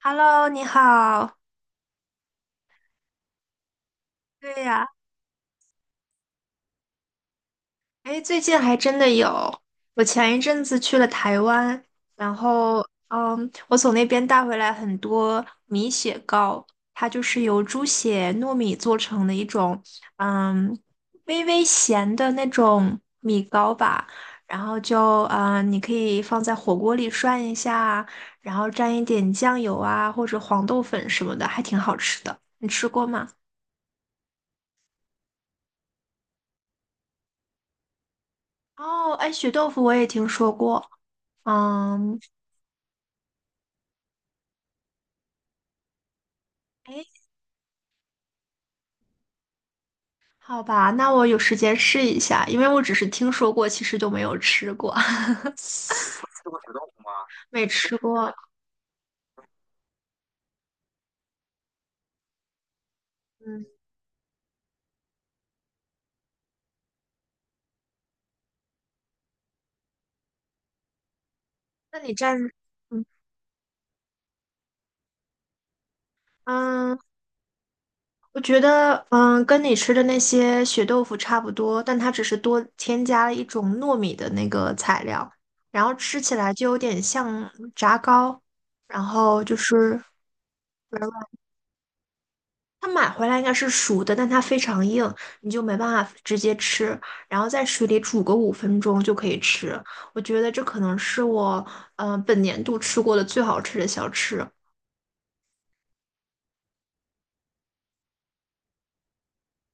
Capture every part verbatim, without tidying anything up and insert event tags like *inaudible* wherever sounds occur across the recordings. Hello，你好。对呀，哎，最近还真的有。我前一阵子去了台湾，然后，嗯，我从那边带回来很多米血糕，它就是由猪血糯米做成的一种，嗯，微微咸的那种米糕吧。然后就，嗯，你可以放在火锅里涮一下，然后蘸一点酱油啊，或者黄豆粉什么的，还挺好吃的。你吃过吗？哦，哎，血豆腐我也听说过。嗯，哎，好吧，那我有时间试一下，因为我只是听说过，其实就没有吃过，*laughs* 没吃过。嗯，那你蘸，嗯嗯，我觉得嗯，跟你吃的那些血豆腐差不多，但它只是多添加了一种糯米的那个材料，然后吃起来就有点像炸糕，然后就是软。它买回来应该是熟的，但它非常硬，你就没办法直接吃。然后在水里煮个五分钟就可以吃。我觉得这可能是我呃本年度吃过的最好吃的小吃。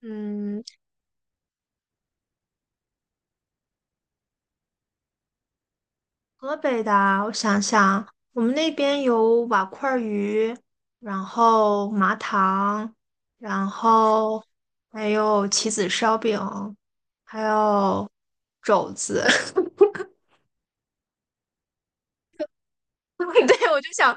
嗯，河北的啊我想想，我们那边有瓦块鱼，然后麻糖，然后还有棋子烧饼，还有肘子。*laughs* 对，我就想，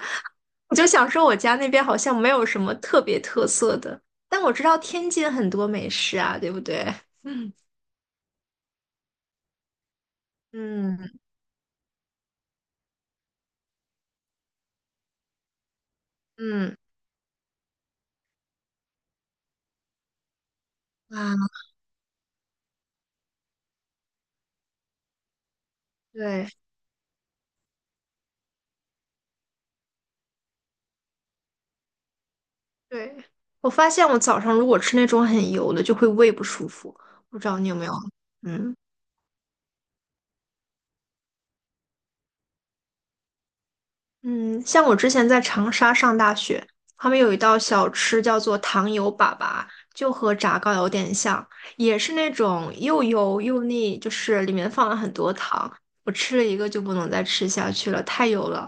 我就想说，我家那边好像没有什么特别特色的，但我知道天津很多美食啊，对不对？*laughs* 嗯嗯嗯啊，对对，我发现我早上如果吃那种很油的，就会胃不舒服，不知道你有没有？嗯。嗯，像我之前在长沙上大学，他们有一道小吃叫做糖油粑粑，就和炸糕有点像，也是那种又油又腻，就是里面放了很多糖。我吃了一个就不能再吃下去了，太油了。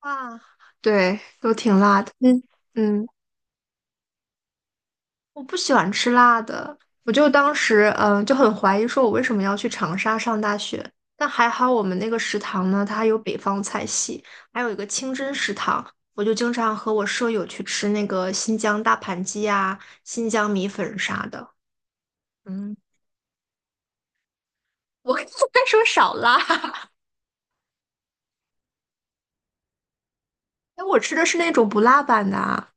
啊，对，都挺辣的。嗯嗯。我不喜欢吃辣的，我就当时嗯、呃就很怀疑，说我为什么要去长沙上大学。但还好我们那个食堂呢，它有北方菜系，还有一个清真食堂，我就经常和我舍友去吃那个新疆大盘鸡啊、新疆米粉啥的。嗯，我 *laughs* 应该说少辣。哎，我吃的是那种不辣版的啊。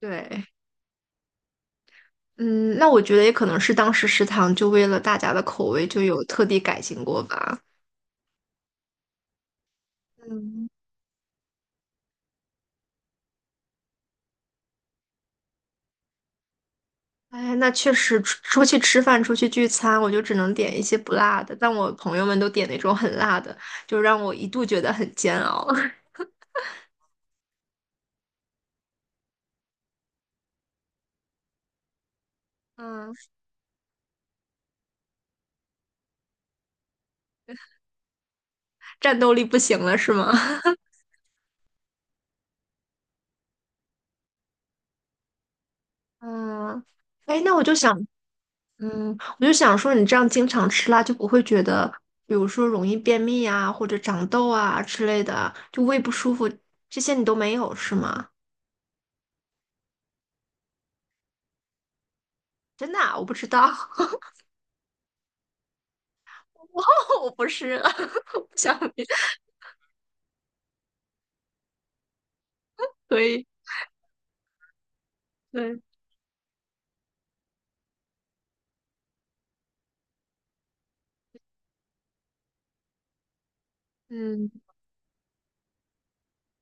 对，嗯，那我觉得也可能是当时食堂就为了大家的口味就有特地改进过吧。嗯。哎，那确实，出出去吃饭、出去聚餐，我就只能点一些不辣的。但我朋友们都点那种很辣的，就让我一度觉得很煎熬。*laughs* 嗯，战斗力不行了是吗？*laughs* 嗯，哎，那我就想，嗯，我就想说，你这样经常吃辣，就不会觉得，比如说容易便秘啊，或者长痘啊之类的，就胃不舒服，这些你都没有是吗？真的啊我不知道，*laughs* 我我不是，*laughs* 不想，*laughs* 所以对，嗯。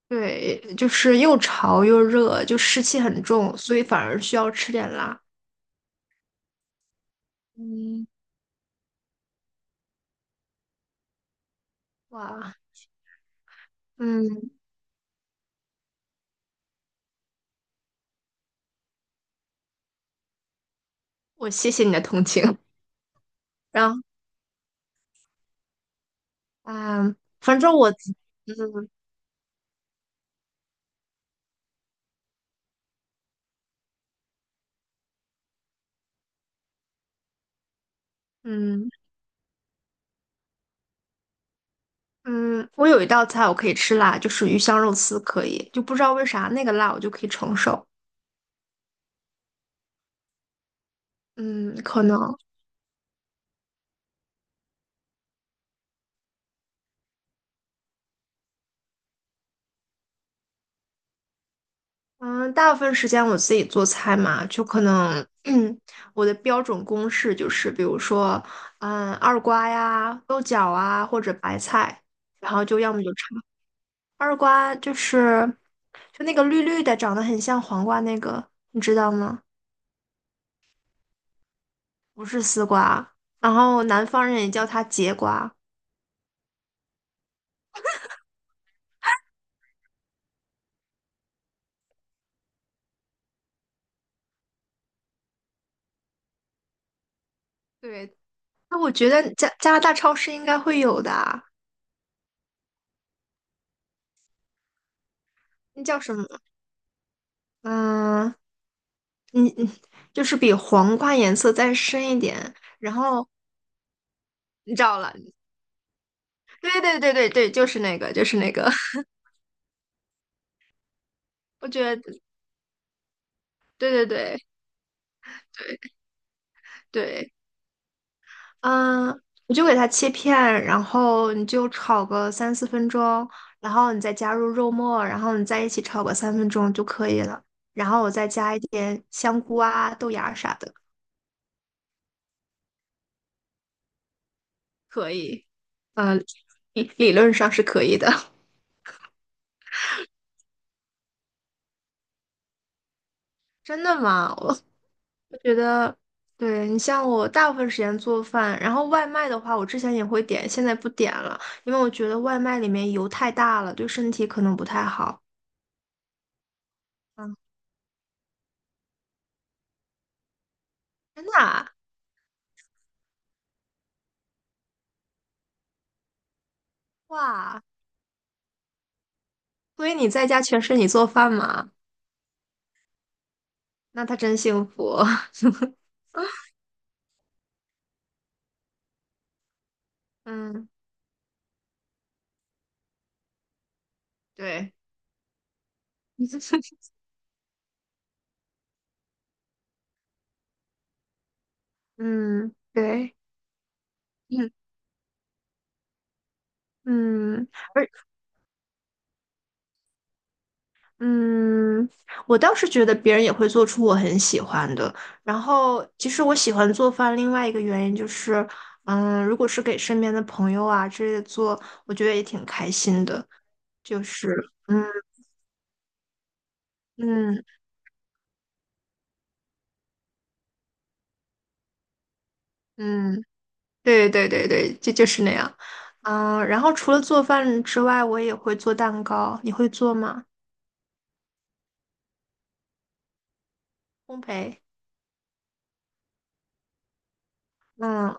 对，就是又潮又热，就湿气很重，所以反而需要吃点辣。嗯，哇，嗯，我谢谢你的同情。*laughs* 然后，嗯，反正我自嗯嗯嗯，我有一道菜我可以吃辣，就是鱼香肉丝可以，就不知道为啥那个辣我就可以承受。嗯，可能。嗯，大部分时间我自己做菜嘛，就可能，*clears throat* 我的标准公式就是，比如说，嗯，二瓜呀、豆角啊，或者白菜，然后就要么就炒二瓜，就是就那个绿绿的，长得很像黄瓜那个，你知道吗？不是丝瓜，然后南方人也叫它节瓜。对，那我觉得加加拿大超市应该会有的啊。那叫什么？嗯，你你就是比黄瓜颜色再深一点。然后你找了，对对对对对，就是那个，就是那个。*laughs* 我觉得，对对对对对，嗯，你就给它切片，然后你就炒个三四分钟，然后你再加入肉末，然后你在一起炒个三分钟就可以了。然后我再加一点香菇啊、豆芽啥的，可以。呃，理理论上是可以的。真的吗？我我觉得，对，你像我大部分时间做饭，然后外卖的话，我之前也会点，现在不点了，因为我觉得外卖里面油太大了，对身体可能不太好。嗯，真的啊？哇，所以你在家全是你做饭吗？那他真幸福。*laughs* 嗯，对，*laughs* 嗯，对，*laughs* 嗯嗯。而。嗯，我倒是觉得别人也会做出我很喜欢的。然后，其实我喜欢做饭，另外一个原因就是，嗯，如果是给身边的朋友啊之类的做，我觉得也挺开心的。就是，嗯嗯嗯，对对对对，就就是那样。嗯，然后除了做饭之外，我也会做蛋糕。你会做吗？烘焙？嗯。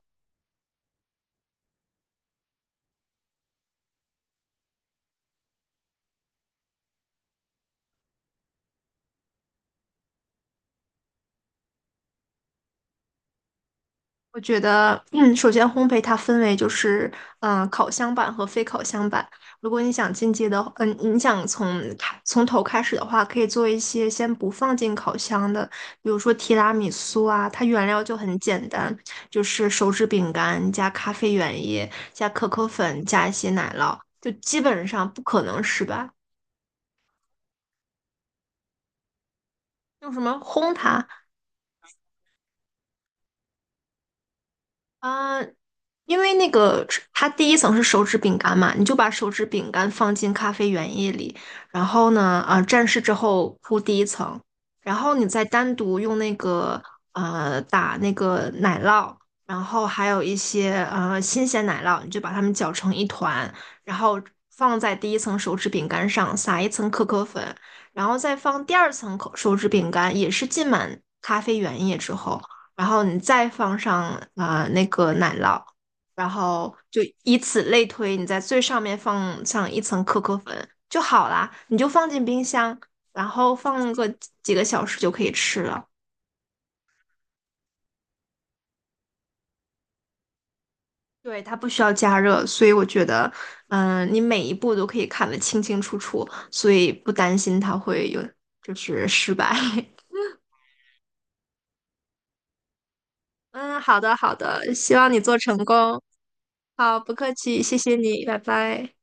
我觉得，嗯，首先烘焙它分为就是，嗯、烤箱版和非烤箱版。如果你想进阶的话嗯、你想从开从头开始的话，可以做一些先不放进烤箱的，比如说提拉米苏啊，它原料就很简单，就是手指饼干加咖啡原液加可可粉加一些奶酪，就基本上不可能失败。用什么烘它啊？呃因为那个它第一层是手指饼干嘛，你就把手指饼干放进咖啡原液里，然后呢，啊、蘸湿之后铺第一层，然后你再单独用那个呃打那个奶酪，然后还有一些呃新鲜奶酪，你就把它们搅成一团，然后放在第一层手指饼干上，撒一层可可粉，然后再放第二层口手指饼干，也是浸满咖啡原液之后，然后你再放上啊、呃那个奶酪。然后就以此类推，你在最上面放上一层可可粉就好啦，你就放进冰箱，然后放个几个小时就可以吃了。对，它不需要加热，所以我觉得，嗯，你每一步都可以看得清清楚楚，所以不担心它会有就是失败。*laughs* 嗯，好的好的，希望你做成功。好，不客气，谢谢你，拜拜。